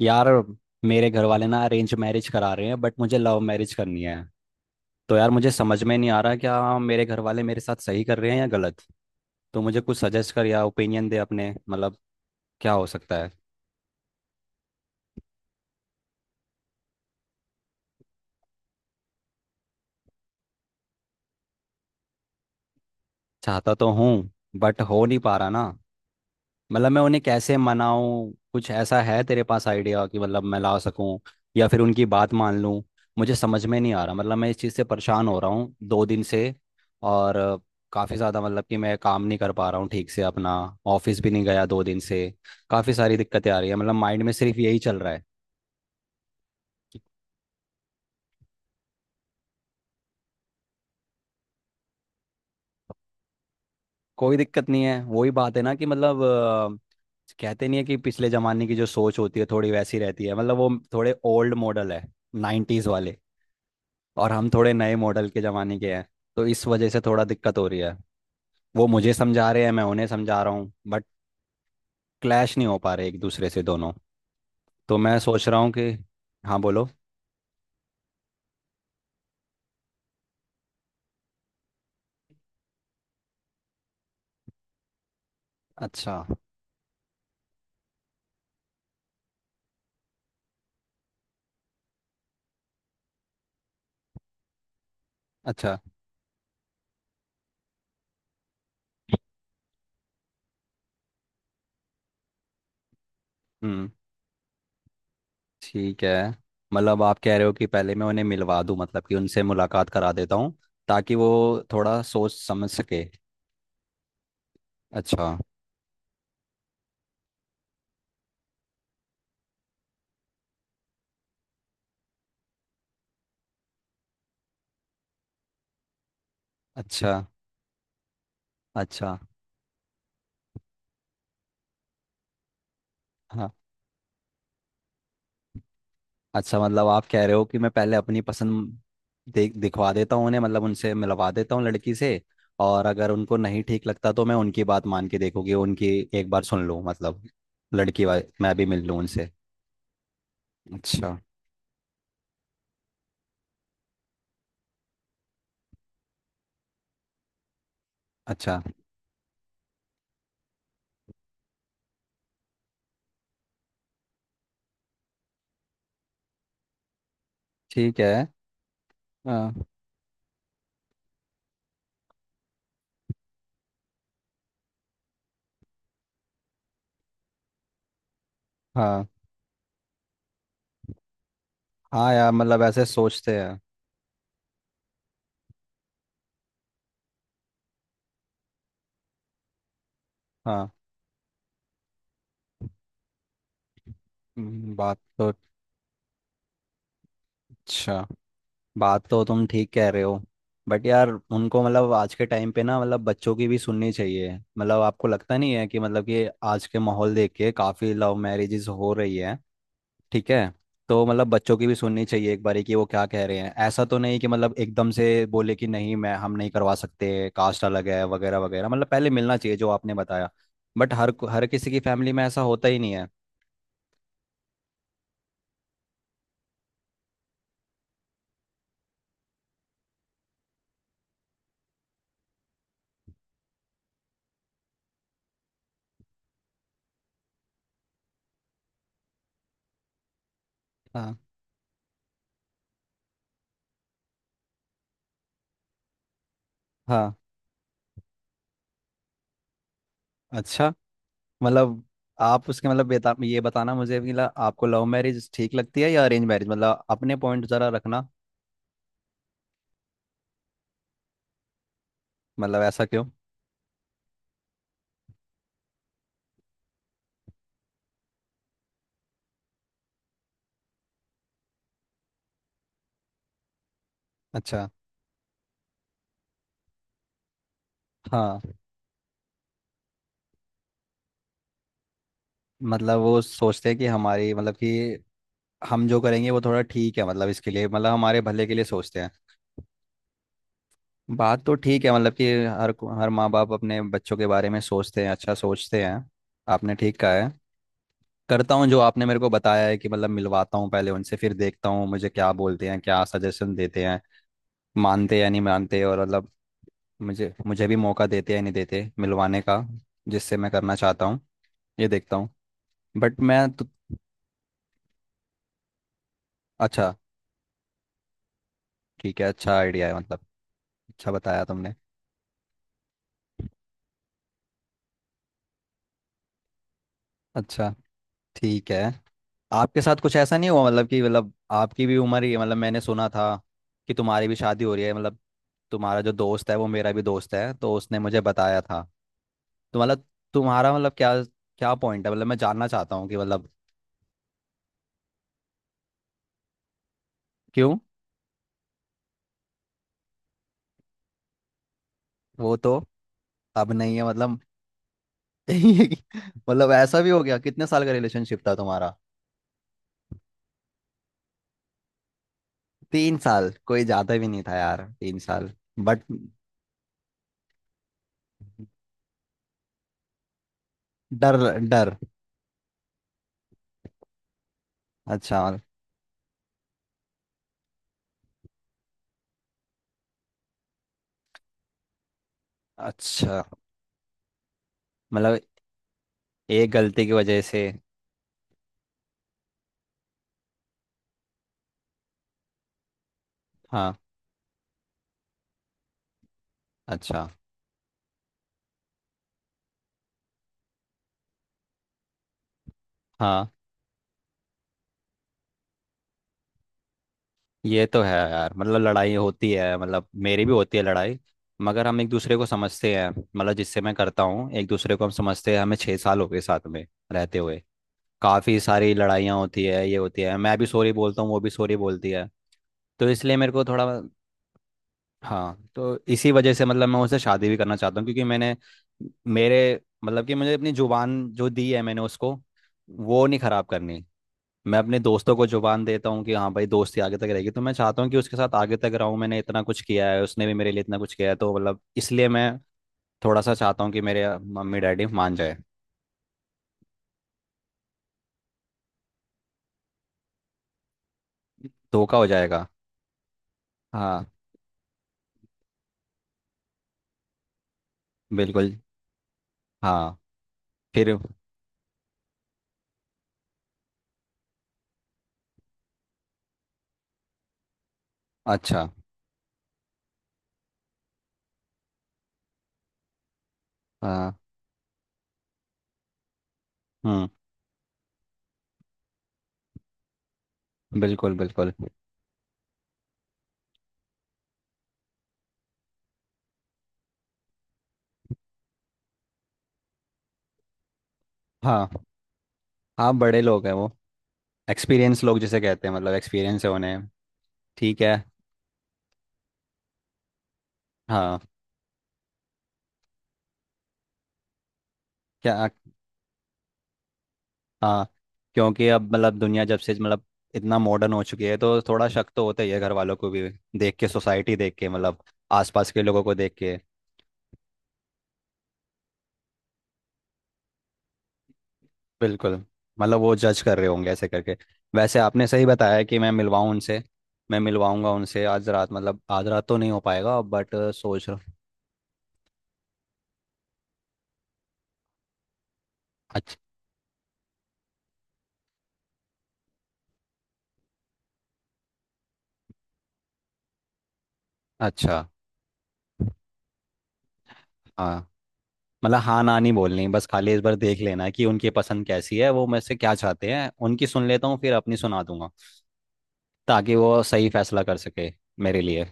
यार, मेरे घर वाले ना अरेंज मैरिज करा रहे हैं बट मुझे लव मैरिज करनी है। तो यार मुझे समझ में नहीं आ रहा क्या मेरे घर वाले मेरे साथ सही कर रहे हैं या गलत। तो मुझे कुछ सजेस्ट कर या ओपिनियन दे अपने, मतलब क्या हो सकता है। चाहता तो हूँ बट हो नहीं पा रहा ना। मतलब मैं उन्हें कैसे मनाऊं, कुछ ऐसा है तेरे पास आइडिया कि मतलब मैं ला सकूं या फिर उनकी बात मान लूं। मुझे समझ में नहीं आ रहा, मतलब मैं इस चीज़ से परेशान हो रहा हूँ 2 दिन से। और काफ़ी ज़्यादा मतलब कि मैं काम नहीं कर पा रहा हूँ ठीक से अपना। ऑफिस भी नहीं गया 2 दिन से। काफ़ी सारी दिक्कतें आ रही है, मतलब माइंड में सिर्फ यही चल रहा है। कोई दिक्कत नहीं है, वही बात है ना कि मतलब कहते नहीं है कि पिछले जमाने की जो सोच होती है थोड़ी वैसी रहती है। मतलब वो थोड़े ओल्ड मॉडल है, 90s वाले, और हम थोड़े नए मॉडल के ज़माने के हैं। तो इस वजह से थोड़ा दिक्कत हो रही है। वो मुझे समझा रहे हैं, मैं उन्हें समझा रहा हूँ, बट क्लैश नहीं हो पा रहे एक दूसरे से दोनों। तो मैं सोच रहा हूँ कि हाँ बोलो। अच्छा। अच्छा। हम्म। ठीक है, मतलब आप कह रहे हो कि पहले मैं उन्हें मिलवा दूँ, मतलब कि उनसे मुलाकात करा देता हूँ ताकि वो थोड़ा सोच समझ सके। अच्छा। अच्छा। अच्छा। हाँ। अच्छा, मतलब आप कह रहे हो कि मैं पहले अपनी पसंद देख दिखवा देता हूँ उन्हें, मतलब उनसे मिलवा देता हूँ लड़की से, और अगर उनको नहीं ठीक लगता तो मैं उनकी बात मान के देखूंगी, उनकी एक बार सुन लूँ, मतलब लड़की वाले मैं भी मिल लूँ उनसे। अच्छा। अच्छा। ठीक है। हाँ, हाँ, हाँ, यार मतलब ऐसे सोचते हैं। हाँ। बात तो अच्छा, बात तो तुम ठीक कह रहे हो। बट यार, उनको मतलब आज के टाइम पे ना, मतलब बच्चों की भी सुननी चाहिए। मतलब आपको लगता नहीं है कि मतलब कि आज के माहौल देख के काफ़ी लव मैरिजेस हो रही है। ठीक है। तो मतलब बच्चों की भी सुननी चाहिए एक बारी कि वो क्या कह रहे हैं, ऐसा तो नहीं कि मतलब एकदम से बोले कि नहीं मैं हम नहीं करवा सकते, कास्ट अलग है, वगैरह वगैरह। मतलब पहले मिलना चाहिए जो आपने बताया। बट हर हर किसी की फैमिली में ऐसा होता ही नहीं है। हाँ। हाँ। अच्छा, मतलब आप उसके मतलब ये बताना मुझे कि मतलब आपको लव मैरिज ठीक लगती है या अरेंज मैरिज, मतलब अपने पॉइंट जरा रखना। मतलब ऐसा क्यों। अच्छा। हाँ। मतलब वो सोचते हैं कि हमारी, मतलब कि हम जो करेंगे वो थोड़ा ठीक है, मतलब इसके लिए, मतलब हमारे भले के लिए सोचते हैं। बात तो ठीक है, मतलब कि हर माँ बाप अपने बच्चों के बारे में सोचते हैं, अच्छा सोचते हैं। आपने ठीक कहा है। करता हूँ जो आपने मेरे को बताया है कि मतलब मिलवाता हूँ पहले उनसे, फिर देखता हूँ मुझे क्या बोलते हैं, क्या सजेशन देते हैं, मानते हैं या नहीं मानते, और मतलब मुझे मुझे भी मौका देते या नहीं देते मिलवाने का, जिससे मैं करना चाहता हूँ, ये देखता हूँ। बट मैं तो। अच्छा। ठीक है, अच्छा आइडिया है मतलब। अच्छा बताया तुमने। अच्छा। ठीक है। आपके साथ कुछ ऐसा नहीं हुआ, मतलब कि मतलब आपकी भी उम्र ही है, मतलब मैंने सुना था कि तुम्हारी भी शादी हो रही है, मतलब तुम्हारा जो दोस्त है वो मेरा भी दोस्त है, तो उसने मुझे बताया था। तो मतलब तुम्हारा मतलब क्या क्या पॉइंट है, मतलब मैं जानना चाहता हूँ कि मतलब। क्यों। वो तो अब नहीं है मतलब। मतलब ऐसा भी हो गया, कितने साल का रिलेशनशिप था तुम्हारा। 3 साल कोई ज्यादा भी नहीं था यार, तीन साल। बट डर। डर। अच्छा। अच्छा, मतलब एक गलती की वजह से। हाँ। अच्छा। हाँ, ये तो है यार, मतलब लड़ाई होती है, मतलब मेरी भी होती है लड़ाई, मगर हम एक दूसरे को समझते हैं, मतलब जिससे मैं करता हूँ एक दूसरे को हम समझते हैं, हमें 6 साल हो गए साथ में रहते हुए। काफ़ी सारी लड़ाइयाँ होती है, ये होती है, मैं भी सॉरी बोलता हूँ, वो भी सॉरी बोलती है। तो इसलिए मेरे को थोड़ा। हाँ, तो इसी वजह से मतलब मैं उससे शादी भी करना चाहता हूँ, क्योंकि मैंने मेरे, मतलब कि मुझे अपनी जुबान जो दी है मैंने उसको, वो नहीं खराब करनी। मैं अपने दोस्तों को जुबान देता हूँ कि हाँ भाई, दोस्ती आगे तक रहेगी, तो मैं चाहता हूँ कि उसके साथ आगे तक रहूँ। मैंने इतना कुछ किया है, उसने भी मेरे लिए इतना कुछ किया है, तो मतलब इसलिए मैं थोड़ा सा चाहता हूँ कि मेरे मम्मी डैडी मान जाए। धोखा हो जाएगा। हाँ। बिल्कुल। हाँ। फिर। अच्छा। हाँ। हम्म। बिल्कुल, बिल्कुल। हाँ। हाँ बड़े लोग हैं वो। एक्सपीरियंस लोग जिसे कहते हैं, मतलब एक्सपीरियंस है उन्हें। ठीक है। हाँ। क्या। हाँ क्योंकि अब मतलब दुनिया जब से मतलब इतना मॉडर्न हो चुकी है तो थोड़ा शक तो होता ही है घर वालों को भी, देख के, सोसाइटी देख के, मतलब आसपास के लोगों को देख के। बिल्कुल। मतलब वो जज कर रहे होंगे ऐसे करके। वैसे आपने सही बताया कि मैं मिलवाऊँ उनसे। मैं मिलवाऊंगा उनसे आज रात, मतलब आज रात तो नहीं हो पाएगा बट सोच रहा। अच्छा। अच्छा। हाँ। मतलब हाँ ना नहीं बोलनी, बस खाली इस बार देख लेना कि उनकी पसंद कैसी है, वो मेरे से क्या चाहते हैं, उनकी सुन लेता हूँ फिर अपनी सुना दूंगा। ताकि वो सही फैसला कर सके मेरे लिए।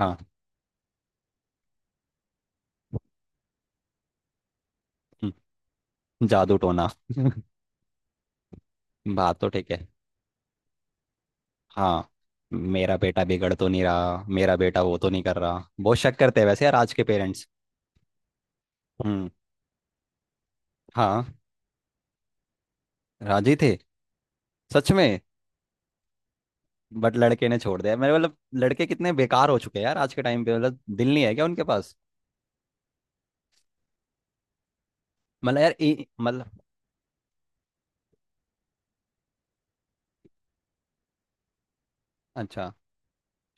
हाँ। हम्म। जादू टोना बात तो ठीक है। हाँ। मेरा बेटा बिगड़ तो नहीं रहा, मेरा बेटा वो तो नहीं कर रहा, बहुत शक करते हैं वैसे यार आज के पेरेंट्स। हम्म। हाँ। राजी थे। सच में। बट लड़के ने छोड़ दिया मेरे, मतलब लड़के कितने बेकार हो चुके हैं यार आज के टाइम पे, मतलब दिल नहीं है क्या उनके पास। मतलब यार मतलब। अच्छा।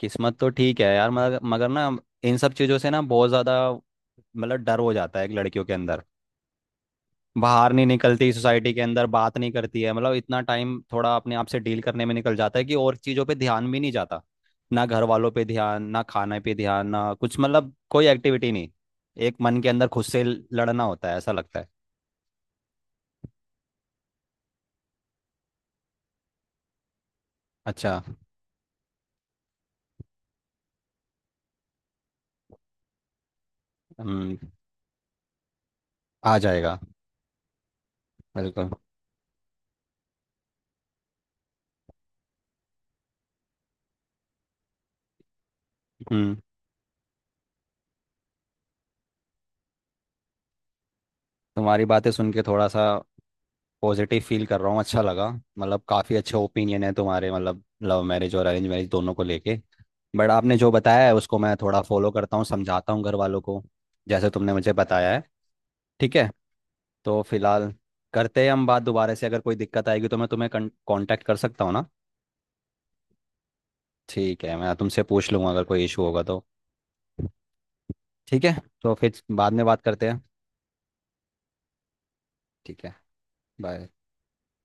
किस्मत तो ठीक है यार, मगर मगर ना इन सब चीज़ों से ना बहुत ज़्यादा मतलब डर हो जाता है एक लड़कियों के अंदर। बाहर नहीं निकलती, सोसाइटी के अंदर बात नहीं करती है, मतलब इतना टाइम थोड़ा अपने आप से डील करने में निकल जाता है कि और चीज़ों पे ध्यान भी नहीं जाता। ना घर वालों पे ध्यान, ना खाने पे ध्यान, ना कुछ, मतलब कोई एक्टिविटी नहीं। एक मन के अंदर खुद से लड़ना होता है, ऐसा लगता है। अच्छा। हम्म। आ जाएगा। बिल्कुल। हम्म। तुम्हारी बातें सुन के थोड़ा सा पॉजिटिव फील कर रहा हूँ, अच्छा लगा, मतलब काफ़ी अच्छे ओपिनियन है तुम्हारे मतलब लव मैरिज और अरेंज मैरिज दोनों को लेके। बट आपने जो बताया है उसको मैं थोड़ा फॉलो करता हूँ, समझाता हूँ घर वालों को, जैसे तुमने मुझे बताया है। ठीक है। तो फिलहाल करते हैं हम बात दोबारा से, अगर कोई दिक्कत आएगी तो मैं तुम्हें कांटेक्ट कर सकता हूँ ना। ठीक है, मैं तुमसे पूछ लूँगा अगर कोई इशू होगा तो। ठीक है। तो फिर बाद में बात करते हैं। ठीक है। बाय।